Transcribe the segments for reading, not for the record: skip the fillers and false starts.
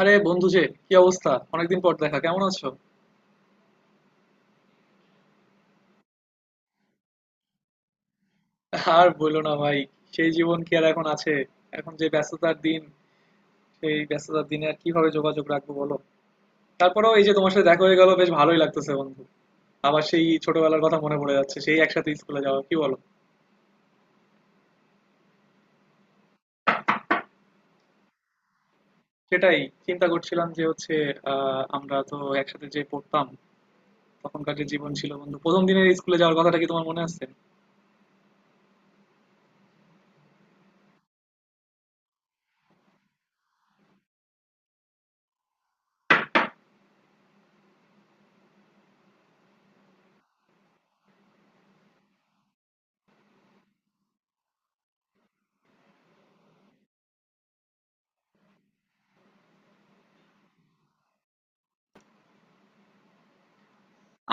আরে বন্ধু যে কি অবস্থা, অনেকদিন পর দেখা, কেমন আছো? আর বলো না ভাই, সেই জীবন কি আর এখন আছে? এখন যে ব্যস্ততার দিন, সেই ব্যস্ততার দিনে আর কিভাবে যোগাযোগ রাখবো বলো। তারপরেও এই যে তোমার সাথে দেখা হয়ে গেল, বেশ ভালোই লাগতেছে বন্ধু। আবার সেই ছোটবেলার কথা মনে পড়ে যাচ্ছে, সেই একসাথে স্কুলে যাওয়া, কি বলো? সেটাই চিন্তা করছিলাম যে হচ্ছে, আমরা তো একসাথে যে পড়তাম, তখনকার যে জীবন ছিল বন্ধু। প্রথম দিনের স্কুলে যাওয়ার কথাটা কি তোমার মনে আছে?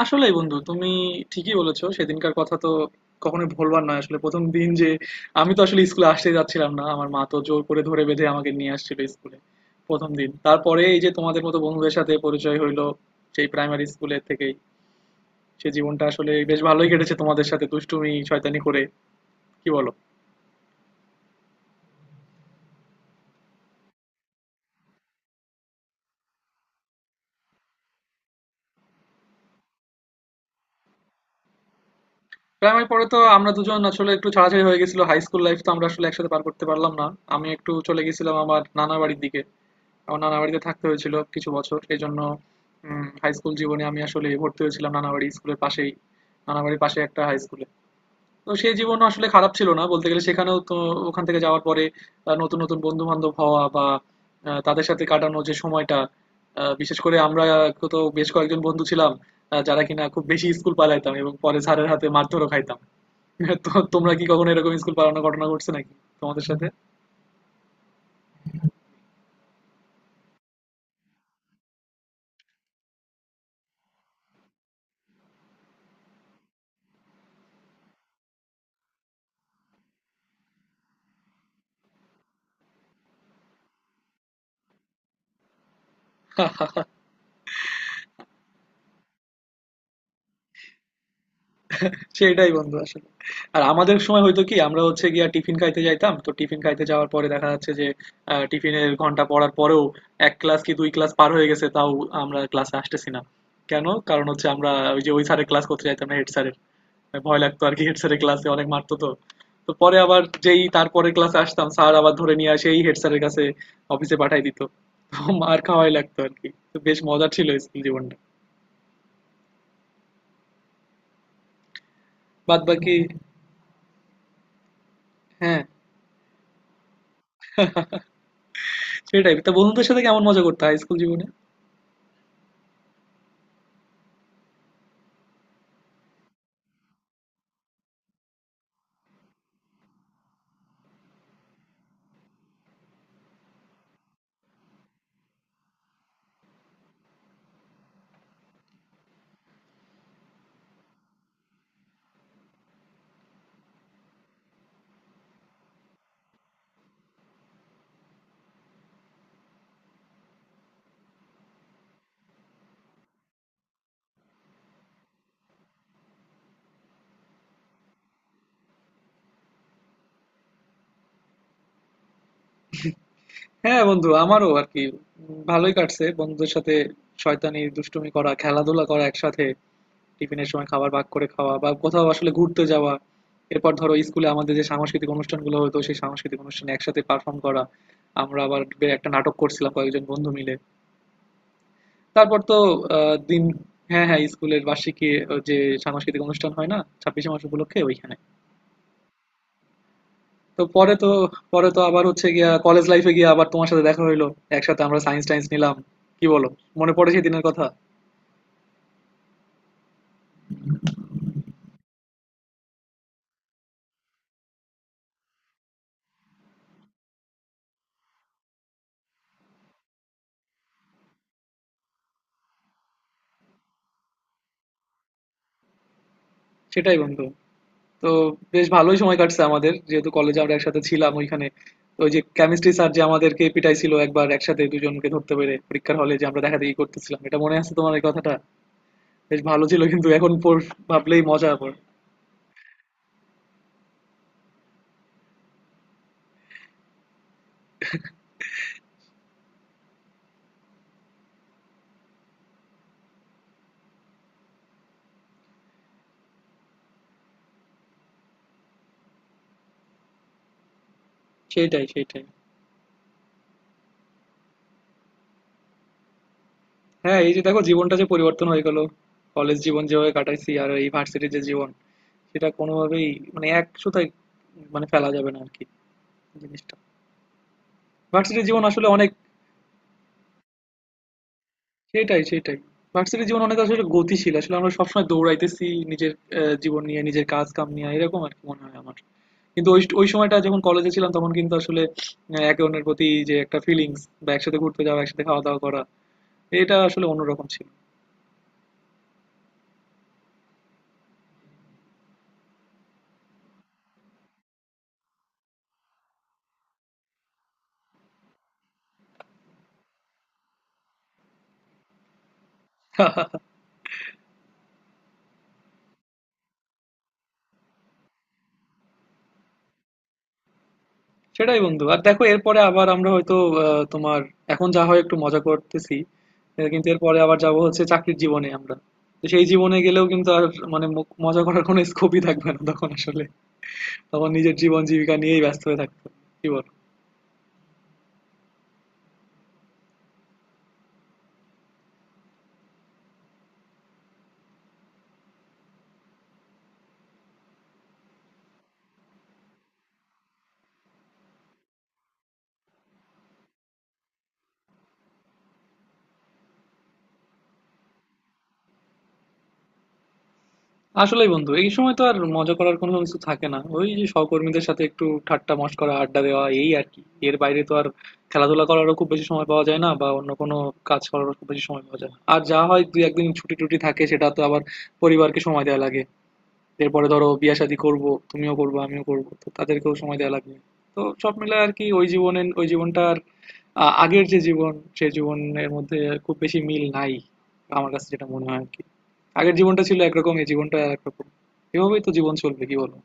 আসলেই বন্ধু তুমি ঠিকই বলেছো, সেদিনকার কথা তো কখনোই ভোলবার নয়। আসলে প্রথম দিন যে আমি তো আসলে স্কুলে আসতে যাচ্ছিলাম না, আমার মা তো জোর করে ধরে বেঁধে আমাকে নিয়ে আসছিল স্কুলে প্রথম দিন। তারপরে এই যে তোমাদের মতো বন্ধুদের সাথে পরিচয় হইলো সেই প্রাইমারি স্কুলের থেকেই, সে জীবনটা আসলে বেশ ভালোই কেটেছে তোমাদের সাথে দুষ্টুমি শয়তানি করে, কি বলো? প্রাইমারি পরে তো আমরা দুজন আসলে একটু ছাড়াছাড়ি হয়ে গেছিল, হাই স্কুল লাইফ তো আমরা আসলে একসাথে পার করতে পারলাম না। আমি একটু চলে গেছিলাম আমার নানা বাড়ির দিকে, আমার নানা বাড়িতে থাকতে হয়েছিল কিছু বছর। এজন্য হাই স্কুল জীবনে আমি আসলে ভর্তি হয়েছিলাম নানা বাড়ি স্কুলের পাশেই, নানা বাড়ির পাশে একটা হাই স্কুলে। তো সেই জীবন আসলে খারাপ ছিল না বলতে গেলে, সেখানেও তো ওখান থেকে যাওয়ার পরে নতুন নতুন বন্ধু বান্ধব হওয়া বা তাদের সাথে কাটানো যে সময়টা, বিশেষ করে আমরা তো বেশ কয়েকজন বন্ধু ছিলাম যারা কিনা খুব বেশি স্কুল পালাইতাম এবং পরে স্যারের হাতে মারধরও খাইতাম। তো তোমরা কি কখনো এরকম স্কুল পালানোর ঘটনা ঘটছে নাকি তোমাদের সাথে? সেইটাই বন্ধু আসলে। আর আমাদের সময় হয়তো কি আমরা হচ্ছে গিয়া টিফিন খাইতে যাইতাম, তো টিফিন খাইতে যাওয়ার পরে দেখা যাচ্ছে যে টিফিনের ঘন্টা পড়ার পরেও এক ক্লাস কি দুই ক্লাস পার হয়ে গেছে, তাও আমরা ক্লাসে আসতেছি না। কেন? কারণ হচ্ছে আমরা ওই যে ওই স্যারের ক্লাস করতে যাইতাম না, হেড স্যারের ভয় লাগতো আর কি, হেড স্যারের ক্লাসে অনেক মারতো। তো তো পরে আবার যেই তারপরে ক্লাসে আসতাম, স্যার আবার ধরে নিয়ে আসে এই হেড স্যারের কাছে, অফিসে পাঠাই দিত। তো মার খাওয়াই লাগতো আর কি। তো বেশ মজা ছিল স্কুল জীবনটা বাদ বাকি। হ্যাঁ, সেটাই। তা বন্ধুদের সাথে কেমন মজা করতে হয় স্কুল জীবনে। হ্যাঁ বন্ধু আমারও আর কি, ভালোই কাটছে বন্ধুদের সাথে, শয়তানি দুষ্টুমি করা, খেলাধুলা করা একসাথে, টিফিনের সময় খাবার ভাগ করে খাওয়া, বা কোথাও আসলে ঘুরতে যাওয়া। এরপর ধরো স্কুলে আমাদের যে সাংস্কৃতিক অনুষ্ঠানগুলো হতো, সেই সাংস্কৃতিক অনুষ্ঠানে একসাথে পারফর্ম করা, আমরা আবার একটা নাটক করছিলাম কয়েকজন বন্ধু মিলে। তারপর তো দিন, হ্যাঁ হ্যাঁ, স্কুলের বার্ষিকী যে সাংস্কৃতিক অনুষ্ঠান হয় না, ছাব্বিশে মার্চ উপলক্ষে ওইখানে। তো পরে তো, পরে তো আবার হচ্ছে গিয়া কলেজ লাইফে গিয়ে আবার তোমার সাথে দেখা হইলো, একসাথে আমরা সায়েন্স টায়েন্স নিলাম, কি বলো? মনে পড়ে সেই দিনের কথা? সেটাই বন্ধু। তো বেশ ভালোই সময় কাটছে আমাদের, যেহেতু কলেজে আমরা একসাথে ছিলাম ওইখানে। ওই যে কেমিস্ট্রি স্যার যে আমাদেরকে পিটাইছিল একবার, একসাথে দুজনকে ধরতে পেরে, পরীক্ষার হলে যে আমরা দেখা দেখি করতেছিলাম, এটা মনে আছে তোমার এই কথাটা? বেশ ভালো ছিল কিন্তু এখন ভাবলেই মজা আবার। সেইটাই সেইটাই হ্যাঁ এই যে দেখো জীবনটা যে পরিবর্তন হয়ে গেল, কলেজ জীবন যেভাবে কাটাইছি আর এই ভার্সিটির যে জীবন, সেটা কোনোভাবেই মানে এক সুতায় মানে ফেলা যাবে না আর কি জিনিসটা। ভার্সিটি জীবন আসলে অনেক, সেটাই সেটাই ভার্সিটি জীবন অনেক আসলে গতিশীল, আসলে আমরা সবসময় দৌড়াইতেছি নিজের জীবন নিয়ে, নিজের কাজ কাম নিয়ে, এরকম আর কি মনে হয় আমার। কিন্তু ওই ওই সময়টা যখন কলেজে ছিলাম তখন কিন্তু আসলে একে অন্যের প্রতি যে একটা ফিলিংস, বা একসাথে ঘুরতে যাওয়া, একসাথে খাওয়া দাওয়া করা, এটা আসলে অন্যরকম ছিল। সেটাই বন্ধু। আর দেখো এরপরে আবার আমরা হয়তো তোমার, এখন যা হয় একটু মজা করতেছি, কিন্তু এরপরে আবার যাব হচ্ছে চাকরির জীবনে আমরা। তো সেই জীবনে গেলেও কিন্তু আর মানে মজা করার কোনো স্কোপই থাকবে না তখন আসলে, তখন নিজের জীবন জীবিকা নিয়েই ব্যস্ত হয়ে থাকতে হবে। কি বলো? আসলেই বন্ধু, এই সময় তো আর মজা করার কোনো কিছু থাকে না, ওই যে সহকর্মীদের সাথে একটু ঠাট্টা মশকরা আড্ডা দেওয়া, এই আর কি। এর বাইরে তো আর খেলাধুলা করারও খুব বেশি সময় পাওয়া যায় না, বা অন্য কোনো কাজ করারও খুব বেশি সময় পাওয়া যায় না। আর যা হয় দুই একদিন ছুটি টুটি থাকে, সেটা তো আবার পরিবারকে সময় দেওয়া লাগে। এরপরে ধরো বিয়ে শাদী করবো, তুমিও করবে আমিও করবো, তো তাদেরকেও সময় দেওয়া লাগবে। তো সব মিলে আর কি, ওই জীবনে, ওই জীবনটার আগের যে জীবন সেই জীবনের মধ্যে খুব বেশি মিল নাই, আমার কাছে যেটা মনে হয় আর কি। আগের জীবনটা ছিল একরকম, এই জীবনটা আর একরকম, এভাবেই তো জীবন চলবে, কি বলো?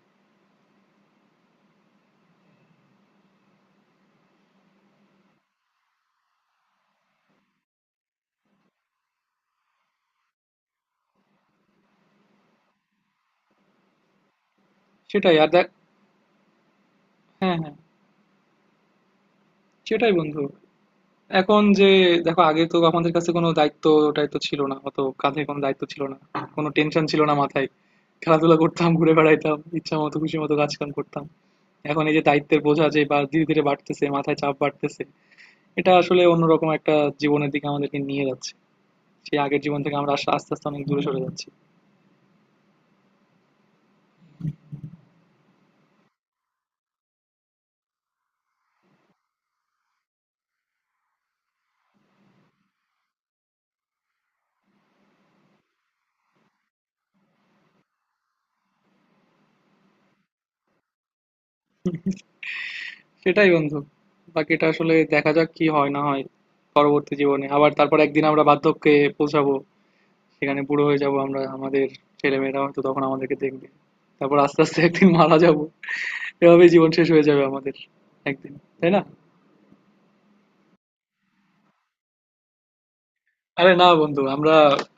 সেটাই আর দেখ। হ্যাঁ হ্যাঁ। সেটাই বন্ধু। এখন যে দেখো, আগে তো আমাদের কাছে কোনো দায়িত্ব টাইত্ব ছিল না, অত কাঁধে কোনো দায়িত্ব ছিল না, কোনো টেনশন ছিল না মাথায়, খেলাধুলা করতাম, ঘুরে বেড়াইতাম, ইচ্ছা মতো খুশি মতো কাজ কাম করতাম। এখন এই যে দায়িত্বের বোঝা যে বা ধীরে ধীরে বাড়তেছে, মাথায় চাপ বাড়তেছে, এটা আসলে অন্যরকম একটা জীবনের দিকে আমাদেরকে নিয়ে যাচ্ছে। সেই আগের জীবন থেকে আমরা আস্তে আস্তে অনেক দূরে সরে যাচ্ছি। সেটাই বন্ধু, বাকিটা আসলে দেখা যাক কি হয় না হয়। পরবর্তী জীবনে আবার তারপর একদিন আমরা বার্ধক্যে পৌঁছাবো, সেখানে বুড়ো হয়ে যাব আমরা, আমাদের ছেলে মেয়েরা হয়তো তখন আমাদেরকে দেখবে, তারপর আস্তে আস্তে একদিন মারা যাব। এভাবেই জীবন শেষ হয়ে যাবে আমাদের একদিন, তাই না? আরে না বন্ধু, আমরা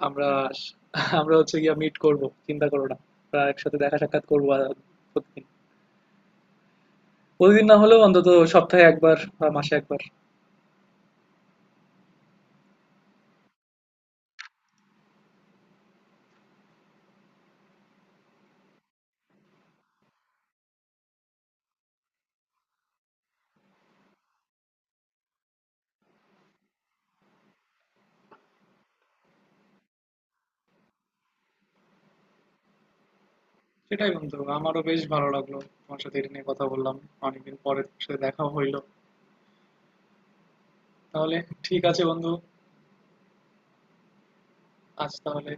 আমরা আমরা হচ্ছে গিয়া মিট করব, চিন্তা করো না। আমরা একসাথে দেখা সাক্ষাৎ করবো আর প্রতিদিন প্রতিদিন না হলেও অন্তত সপ্তাহে একবার বা মাসে একবার। সেটাই বন্ধু, আমারও বেশ ভালো লাগলো তোমার সাথে এটা নিয়ে কথা বললাম। অনেকদিন পরে তোমার সাথে দেখা হইলো। তাহলে ঠিক আছে বন্ধু, আজ তাহলে এ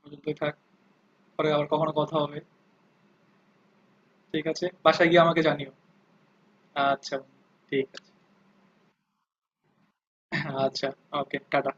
পর্যন্তই থাক, পরে আবার কখনো কথা হবে। ঠিক আছে, বাসায় গিয়ে আমাকে জানিও। আচ্ছা বন্ধু, ঠিক আছে। আচ্ছা, ওকে, টাটা।